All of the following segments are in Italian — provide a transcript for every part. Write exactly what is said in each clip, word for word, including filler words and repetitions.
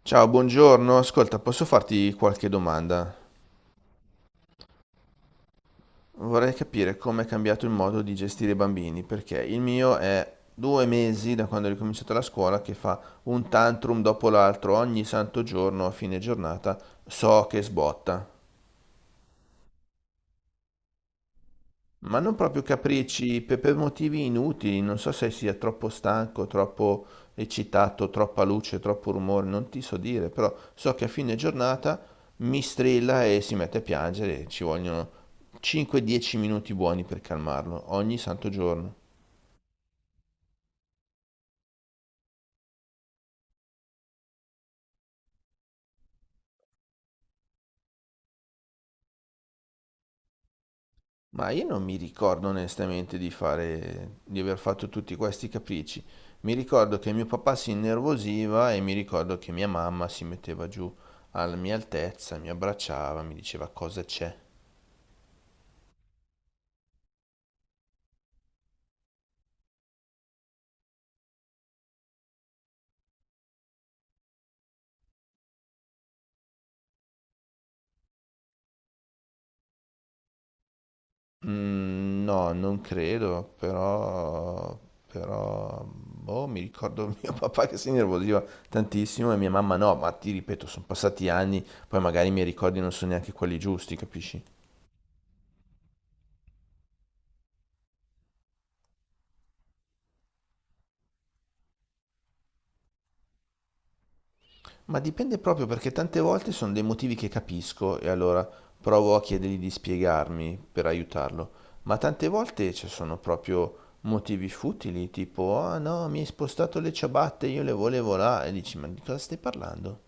Ciao, buongiorno. Ascolta, posso farti qualche domanda? Vorrei capire come è cambiato il modo di gestire i bambini, perché il mio è due mesi da quando è ricominciata la scuola che fa un tantrum dopo l'altro, ogni santo giorno, a fine giornata, so che sbotta. Ma non proprio capricci, pe- per, motivi inutili, non so se sia troppo stanco, troppo eccitato, troppa luce, troppo rumore, non ti so dire, però so che a fine giornata mi strilla e si mette a piangere, ci vogliono cinque dieci minuti buoni per calmarlo, ogni santo giorno. Ma io non mi ricordo onestamente di fare, di aver fatto tutti questi capricci. Mi ricordo che mio papà si innervosiva e mi ricordo che mia mamma si metteva giù alla mia altezza, mi abbracciava, mi diceva cosa c'è. Mm, no, non credo, però, però, boh, mi ricordo mio papà che si innervosiva tantissimo e mia mamma no, ma ti ripeto, sono passati anni, poi magari i miei ricordi non sono neanche quelli giusti, capisci? Ma dipende proprio perché tante volte sono dei motivi che capisco e allora provo a chiedergli di spiegarmi per aiutarlo, ma tante volte ci sono proprio motivi futili, tipo ah no, mi hai spostato le ciabatte, io le volevo là e dici ma di cosa stai parlando?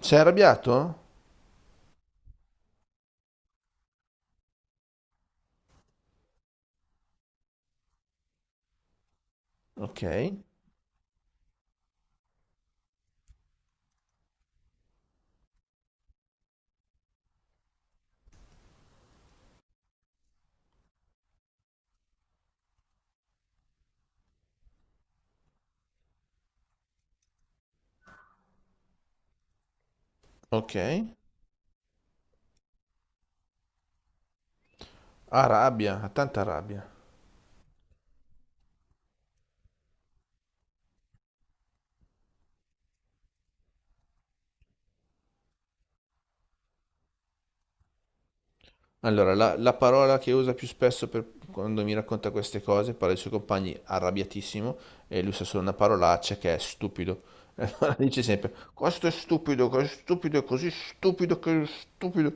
Sei arrabbiato? Ok, ok. Ha rabbia, ha tanta rabbia. Allora, la, la parola che usa più spesso per- quando mi racconta queste cose, parla dei suoi compagni arrabbiatissimo e lui usa solo una parolaccia che è stupido. E allora dice sempre, questo è stupido, questo è stupido, è così stupido che è stupido.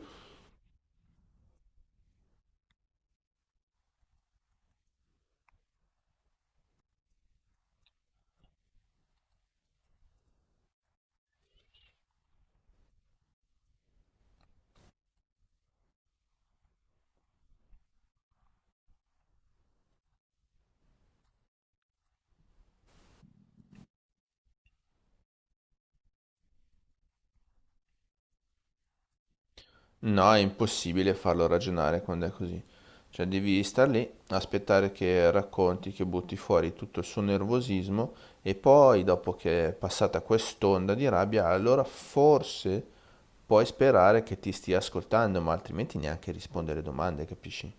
No, è impossibile farlo ragionare quando è così. Cioè, devi star lì, aspettare che racconti, che butti fuori tutto il suo nervosismo e poi, dopo che è passata quest'onda di rabbia, allora forse puoi sperare che ti stia ascoltando, ma altrimenti neanche rispondere domande, capisci?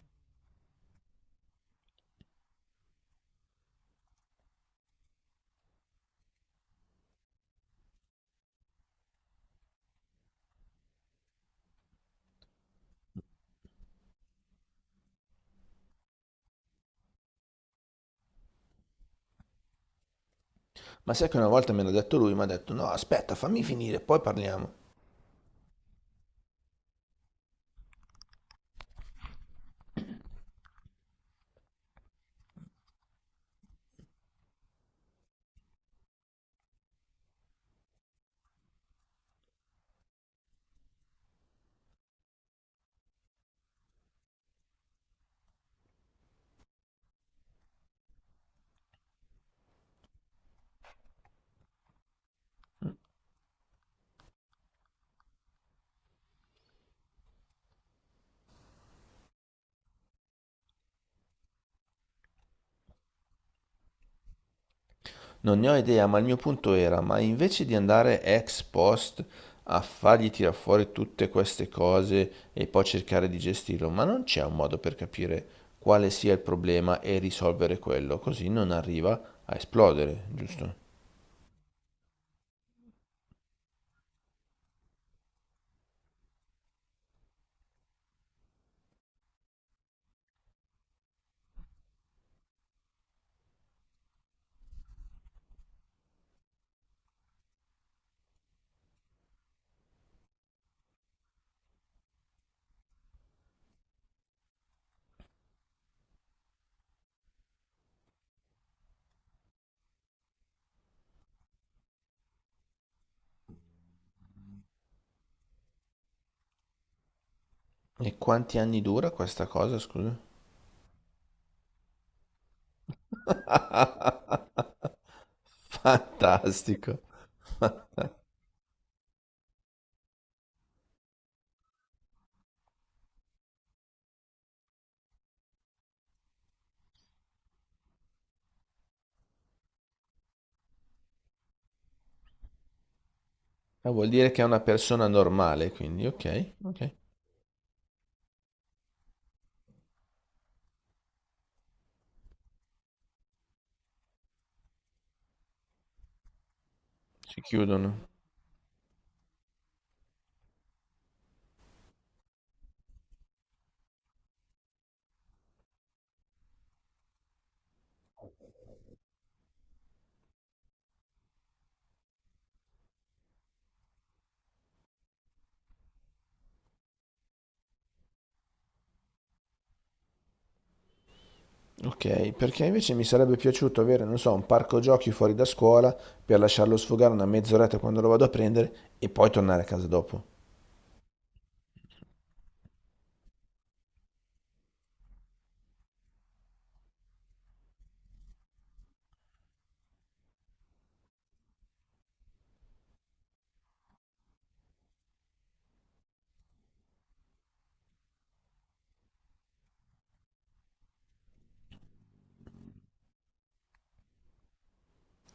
Ma sai che una volta me l'ha detto lui, mi ha detto no, aspetta, fammi finire, poi parliamo. Non ne ho idea, ma il mio punto era, ma invece di andare ex post a fargli tirar fuori tutte queste cose e poi cercare di gestirlo, ma non c'è un modo per capire quale sia il problema e risolvere quello, così non arriva a esplodere, giusto? E quanti anni dura questa cosa, scusa? Fantastico. Ah, vuol dire che è una persona normale, quindi ok, ok. Si chiudono. Ok, perché invece mi sarebbe piaciuto avere, non so, un parco giochi fuori da scuola per lasciarlo sfogare una mezz'oretta quando lo vado a prendere e poi tornare a casa dopo.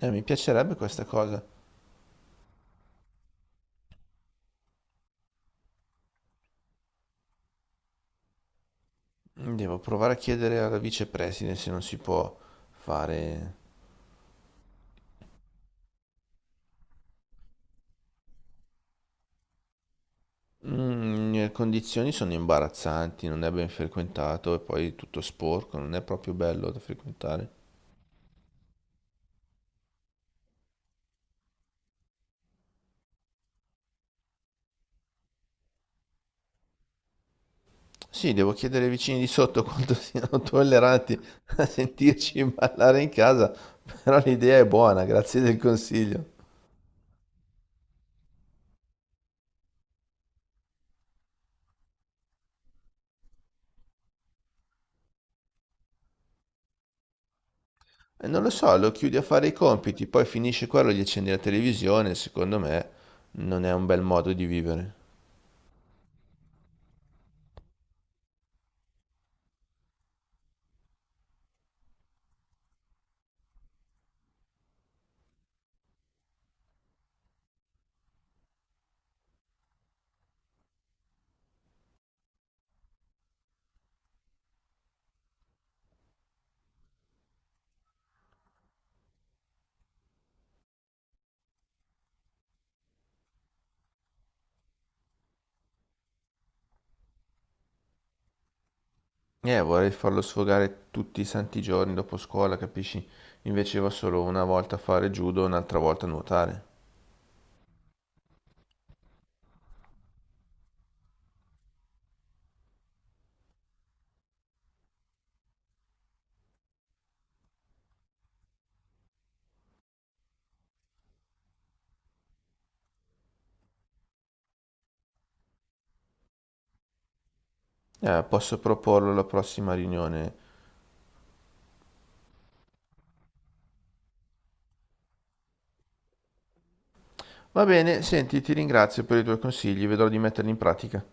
Eh, mi piacerebbe questa cosa. Devo provare a chiedere alla vicepresidente se non si può fare. Mm, le condizioni sono imbarazzanti, non è ben frequentato e poi è tutto sporco, non è proprio bello da frequentare. Sì, devo chiedere ai vicini di sotto quanto siano tolleranti a sentirci ballare in casa, però l'idea è buona, grazie del consiglio. E non lo so, lo chiudi a fare i compiti, poi finisce quello, e gli accendi la televisione, secondo me non è un bel modo di vivere. Eh, vorrei farlo sfogare tutti i santi giorni dopo scuola, capisci? Invece va solo una volta a fare judo, e un'altra volta a nuotare. Eh, posso proporlo alla prossima riunione. Va bene, senti, ti ringrazio per i tuoi consigli, vedrò di metterli in pratica.